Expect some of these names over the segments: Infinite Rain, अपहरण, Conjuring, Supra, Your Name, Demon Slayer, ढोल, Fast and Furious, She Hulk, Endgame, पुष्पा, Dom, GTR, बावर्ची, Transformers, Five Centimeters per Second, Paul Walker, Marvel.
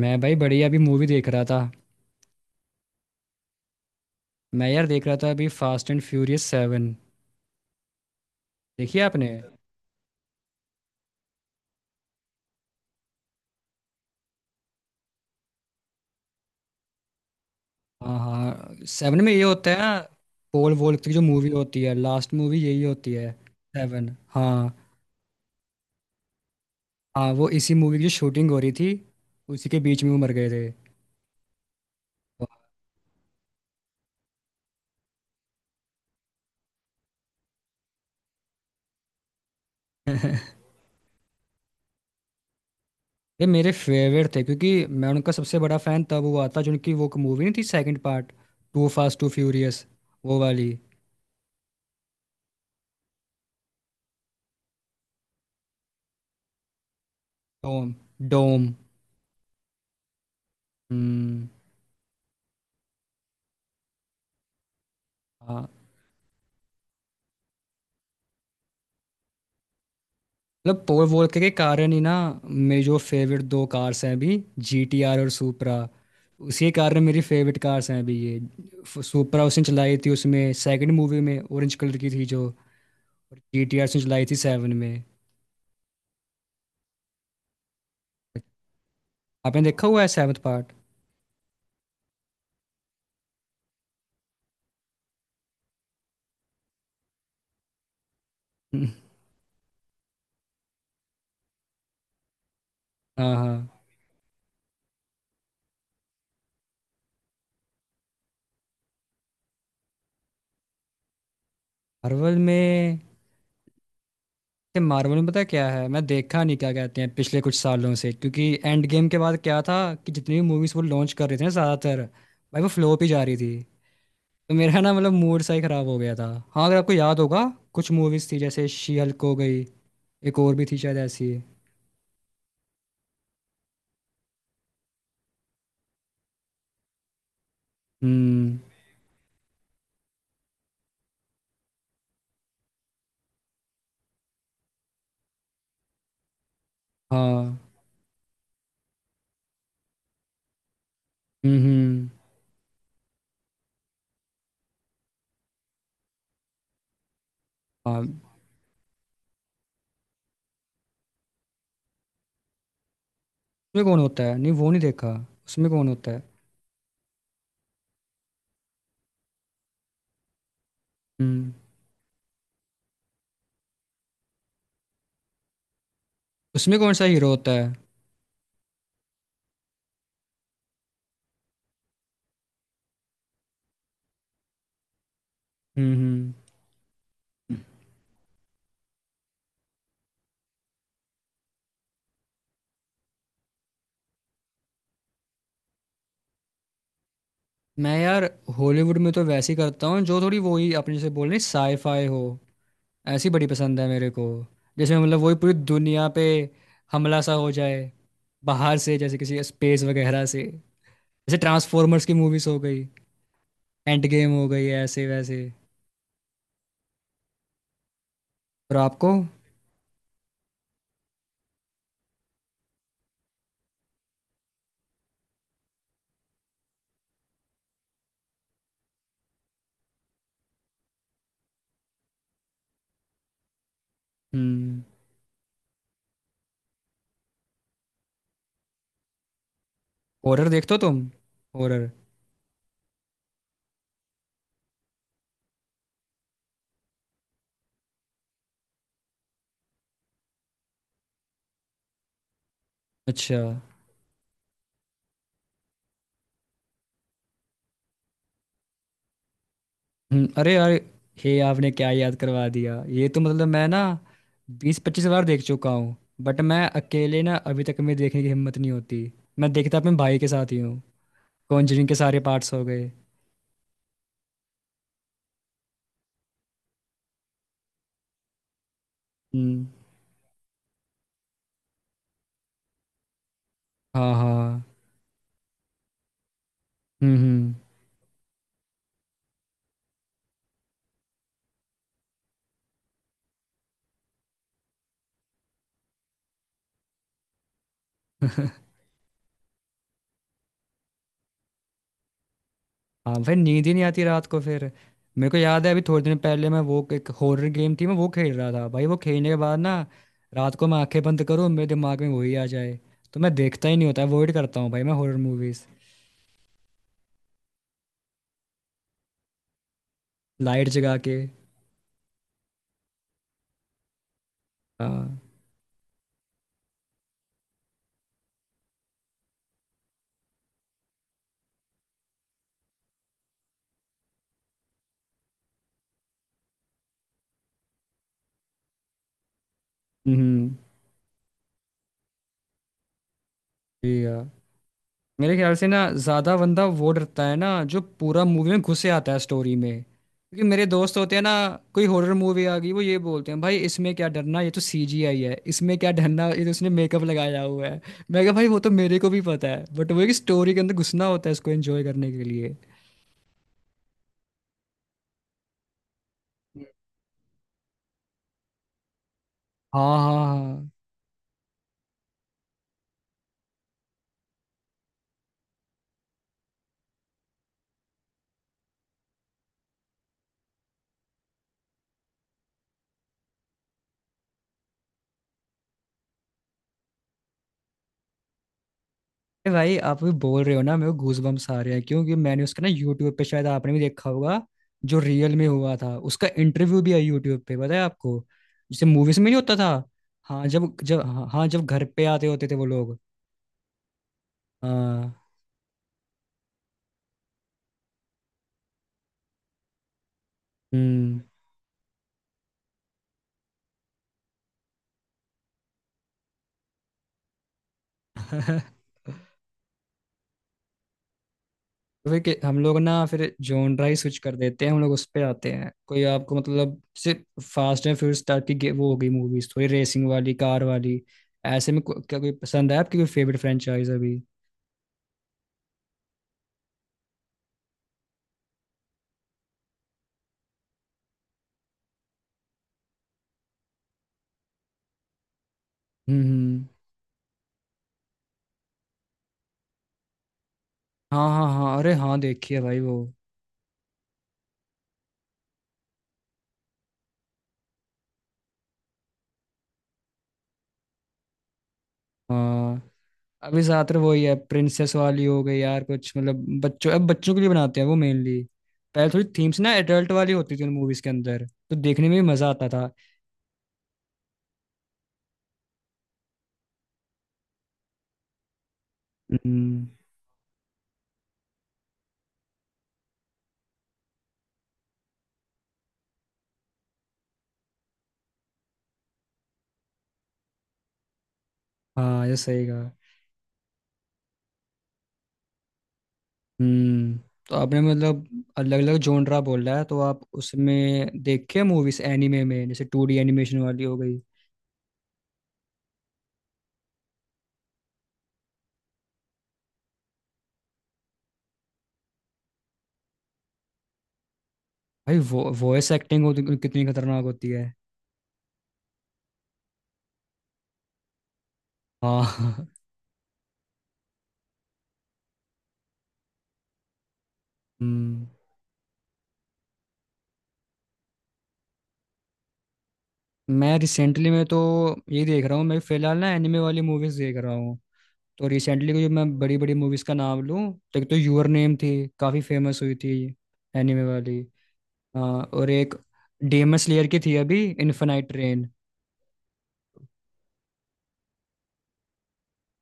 मैं भाई बढ़िया अभी मूवी देख रहा था। मैं यार देख रहा था अभी फास्ट एंड फ्यूरियस सेवन। देखी है आपने। हाँ हाँ, सेवन में ये होता है ना। पोल वोल्ट की जो मूवी होती है लास्ट मूवी यही होती है सेवन। हाँ। हाँ वो इसी मूवी की जो शूटिंग हो रही थी, उसी के बीच में वो मर गए थे। ये मेरे फेवरेट थे क्योंकि मैं उनका सबसे बड़ा फैन तब हुआ था जो उनकी वो मूवी नहीं थी, second part two fast two furious, वो वाली। डोम। डोम। हम्म। हाँ। मतलब पोल वोल के कारण ही ना। मेरी जो फेवरेट दो कार्स हैं अभी, जी टी आर और सुपरा। उसी के कारण मेरी फेवरेट कार्स हैं अभी ये। सुपरा उसने चलाई थी उसमें सेकंड मूवी में, ऑरेंज कलर की थी जो। और जी टी आर उसने चलाई थी सेवन में। आपने देखा हुआ है सेवन्थ पार्ट। हाँ हाँ। मार्वल में ते मार्वल में पता क्या है, मैं देखा नहीं क्या कहते हैं पिछले कुछ सालों से क्योंकि एंड गेम के बाद क्या था कि जितनी भी मूवीज वो लॉन्च कर रहे थे ना ज़्यादातर भाई वो फ्लोप ही जा रही थी। तो मेरा ना मतलब मूड सा ही खराब हो गया था। हाँ अगर आपको याद होगा कुछ मूवीज थी जैसे शी हल्क हो गई, एक और भी थी शायद ऐसी। हम्म। हाँ। हम्म। हम्म। हाँ। उसमें कौन होता है, नहीं वो नहीं देखा। उसमें कौन होता है। हम्म। उसमें कौन सा हीरो होता है। हम्म। मैं यार हॉलीवुड में तो वैसे ही करता हूँ जो थोड़ी वही अपने जैसे बोल रही साईफाई हो। ऐसी बड़ी पसंद है मेरे को। जिसमें मतलब वही पूरी दुनिया पे हमला सा हो जाए, बाहर से जैसे किसी स्पेस वगैरह से। जैसे ट्रांसफॉर्मर्स की मूवीज हो गई, एंड गेम हो गई है, ऐसे वैसे। और आपको। हम्म। हॉरर देखते हो तुम, हॉरर। अच्छा। हम्म, अरे यार, हे आपने क्या याद करवा दिया, ये तो मतलब मैं ना बीस पच्चीस बार देख चुका हूँ। बट मैं अकेले ना अभी तक मेरी देखने की हिम्मत नहीं होती। मैं देखता अपने भाई के साथ ही हूँ। कॉन्जरिंग के सारे पार्ट्स हो गए। हम्म। हाँ हाँ। हम्म। हाँ फिर नींद ही नहीं आती रात को फिर। मेरे को याद है अभी थोड़े दिन पहले मैं वो एक हॉरर गेम थी मैं वो खेल रहा था भाई, वो खेलने के बाद ना रात को मैं आंखें बंद करूँ मेरे दिमाग में वही आ जाए। तो मैं देखता ही नहीं होता, अवॉइड करता हूँ भाई मैं हॉरर मूवीज। लाइट जगा के। हाँ। हम्म। जी हाँ, मेरे ख्याल से ना ज्यादा बंदा वो डरता है ना जो पूरा मूवी में घुसे आता है स्टोरी में। क्योंकि मेरे दोस्त होते हैं ना, कोई हॉरर मूवी आ गई वो ये बोलते हैं भाई इसमें क्या डरना, ये तो सीजीआई है, इसमें क्या डरना, ये तो उसने मेकअप लगाया हुआ है। मैं कहा भाई वो तो मेरे को भी पता है, बट वो है कि स्टोरी के अंदर घुसना होता है इसको एंजॉय करने के लिए। हाँ हाँ हाँ। अरे भाई आप भी बोल रहे हो ना मेरे को गूजबम्प्स आ रहे हैं, क्योंकि मैंने उसका ना यूट्यूब पे, शायद आपने भी देखा होगा, जो रियल में हुआ था उसका इंटरव्यू भी है यूट्यूब पे, पता है आपको। जैसे मूवीज में नहीं होता था। हाँ जब जब हाँ हाँ, जब घर पे आते होते थे वो लोग। हाँ। हम्म। तो फिर हम लोग ना फिर जॉनरा ही स्विच कर देते हैं, हम लोग उस पे आते हैं। कोई आपको मतलब सिर्फ फास्ट एंड फ्यूरियस टाइप की वो हो गई मूवीज, थोड़ी रेसिंग वाली कार वाली, ऐसे में क्या कोई पसंद है आपकी, कोई फेवरेट फ्रेंचाइज अभी। हम्म हम्म। हाँ हाँ हाँ, अरे हाँ देखी है भाई वो। हाँ। अभी ज्यादातर वही है प्रिंसेस वाली हो गई यार कुछ, मतलब बच्चों, अब बच्चों के लिए बनाते हैं वो मेनली। पहले थोड़ी थीम्स ना एडल्ट वाली होती थी उन मूवीज के अंदर, तो देखने में भी मजा आता था। हम्म। हाँ ये सही कहा। हम्म। तो आपने मतलब अलग अलग जोनरा बोला है तो आप उसमें देखे मूवीज एनिमे में जैसे टू डी एनिमेशन वाली हो गई। भाई वो वॉइस एक्टिंग होती कितनी खतरनाक होती है। हाँ। हम्म। मैं रिसेंटली में तो ये देख रहा हूँ, मैं फिलहाल ना एनिमे वाली मूवीज देख रहा हूँ। तो रिसेंटली को जो मैं बड़ी बड़ी मूवीज का नाम लूँ, तो एक तो यूर नेम थी, काफ़ी फेमस हुई थी, एनिमे वाली। और एक डेमन स्लेयर की थी अभी इन्फेनाइट रेन।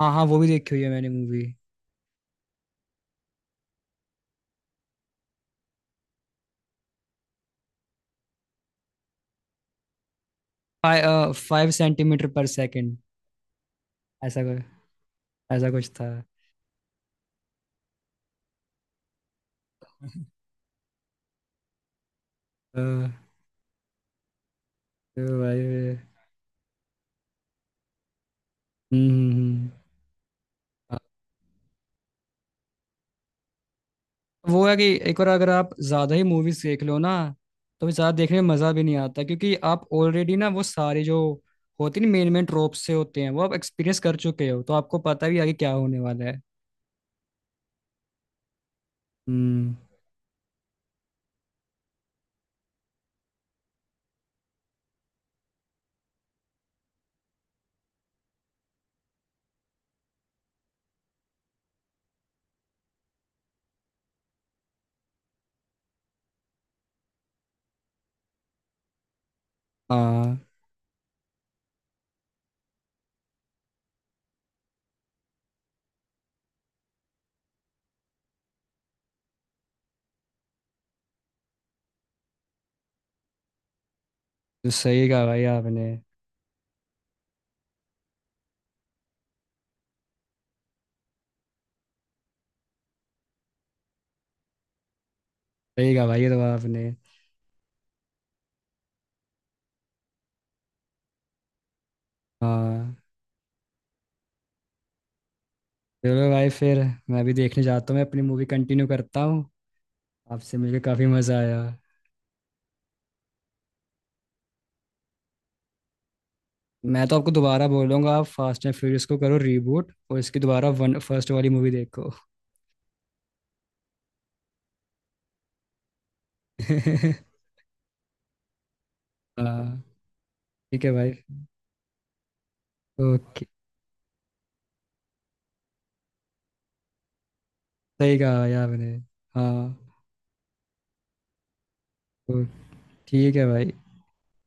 हाँ हाँ वो भी देखी हुई है मैंने movie. Five centimetre per second, ऐसा कुछ, ऐसा कुछ था। तो भाई। हम्म हम्म, हम्म। वो है कि एक बार अगर आप ज्यादा ही मूवीज देख लो ना, तो फिर ज्यादा देखने में मजा भी नहीं आता क्योंकि आप ऑलरेडी ना वो सारे जो होती है ना मेन मेन ट्रोप से होते हैं वो आप एक्सपीरियंस कर चुके हो, तो आपको पता भी है आगे क्या होने वाला है। हम्म। हाँ तो सही कहा भाई आपने। सही कहा भाई ये तो आपने। हाँ। चलो भाई फिर, मैं भी देखने जाता हूँ, मैं अपनी मूवी कंटिन्यू करता हूँ। आपसे मिलकर काफी मजा आया। मैं तो आपको दोबारा बोलूंगा आप फास्ट एंड फ्यूरियस को करो रीबूट और इसकी दोबारा वन फर्स्ट वाली मूवी देखो। हाँ ठीक है भाई। ओके। सही कहा भाई आपने। हाँ। तो ठीक है भाई।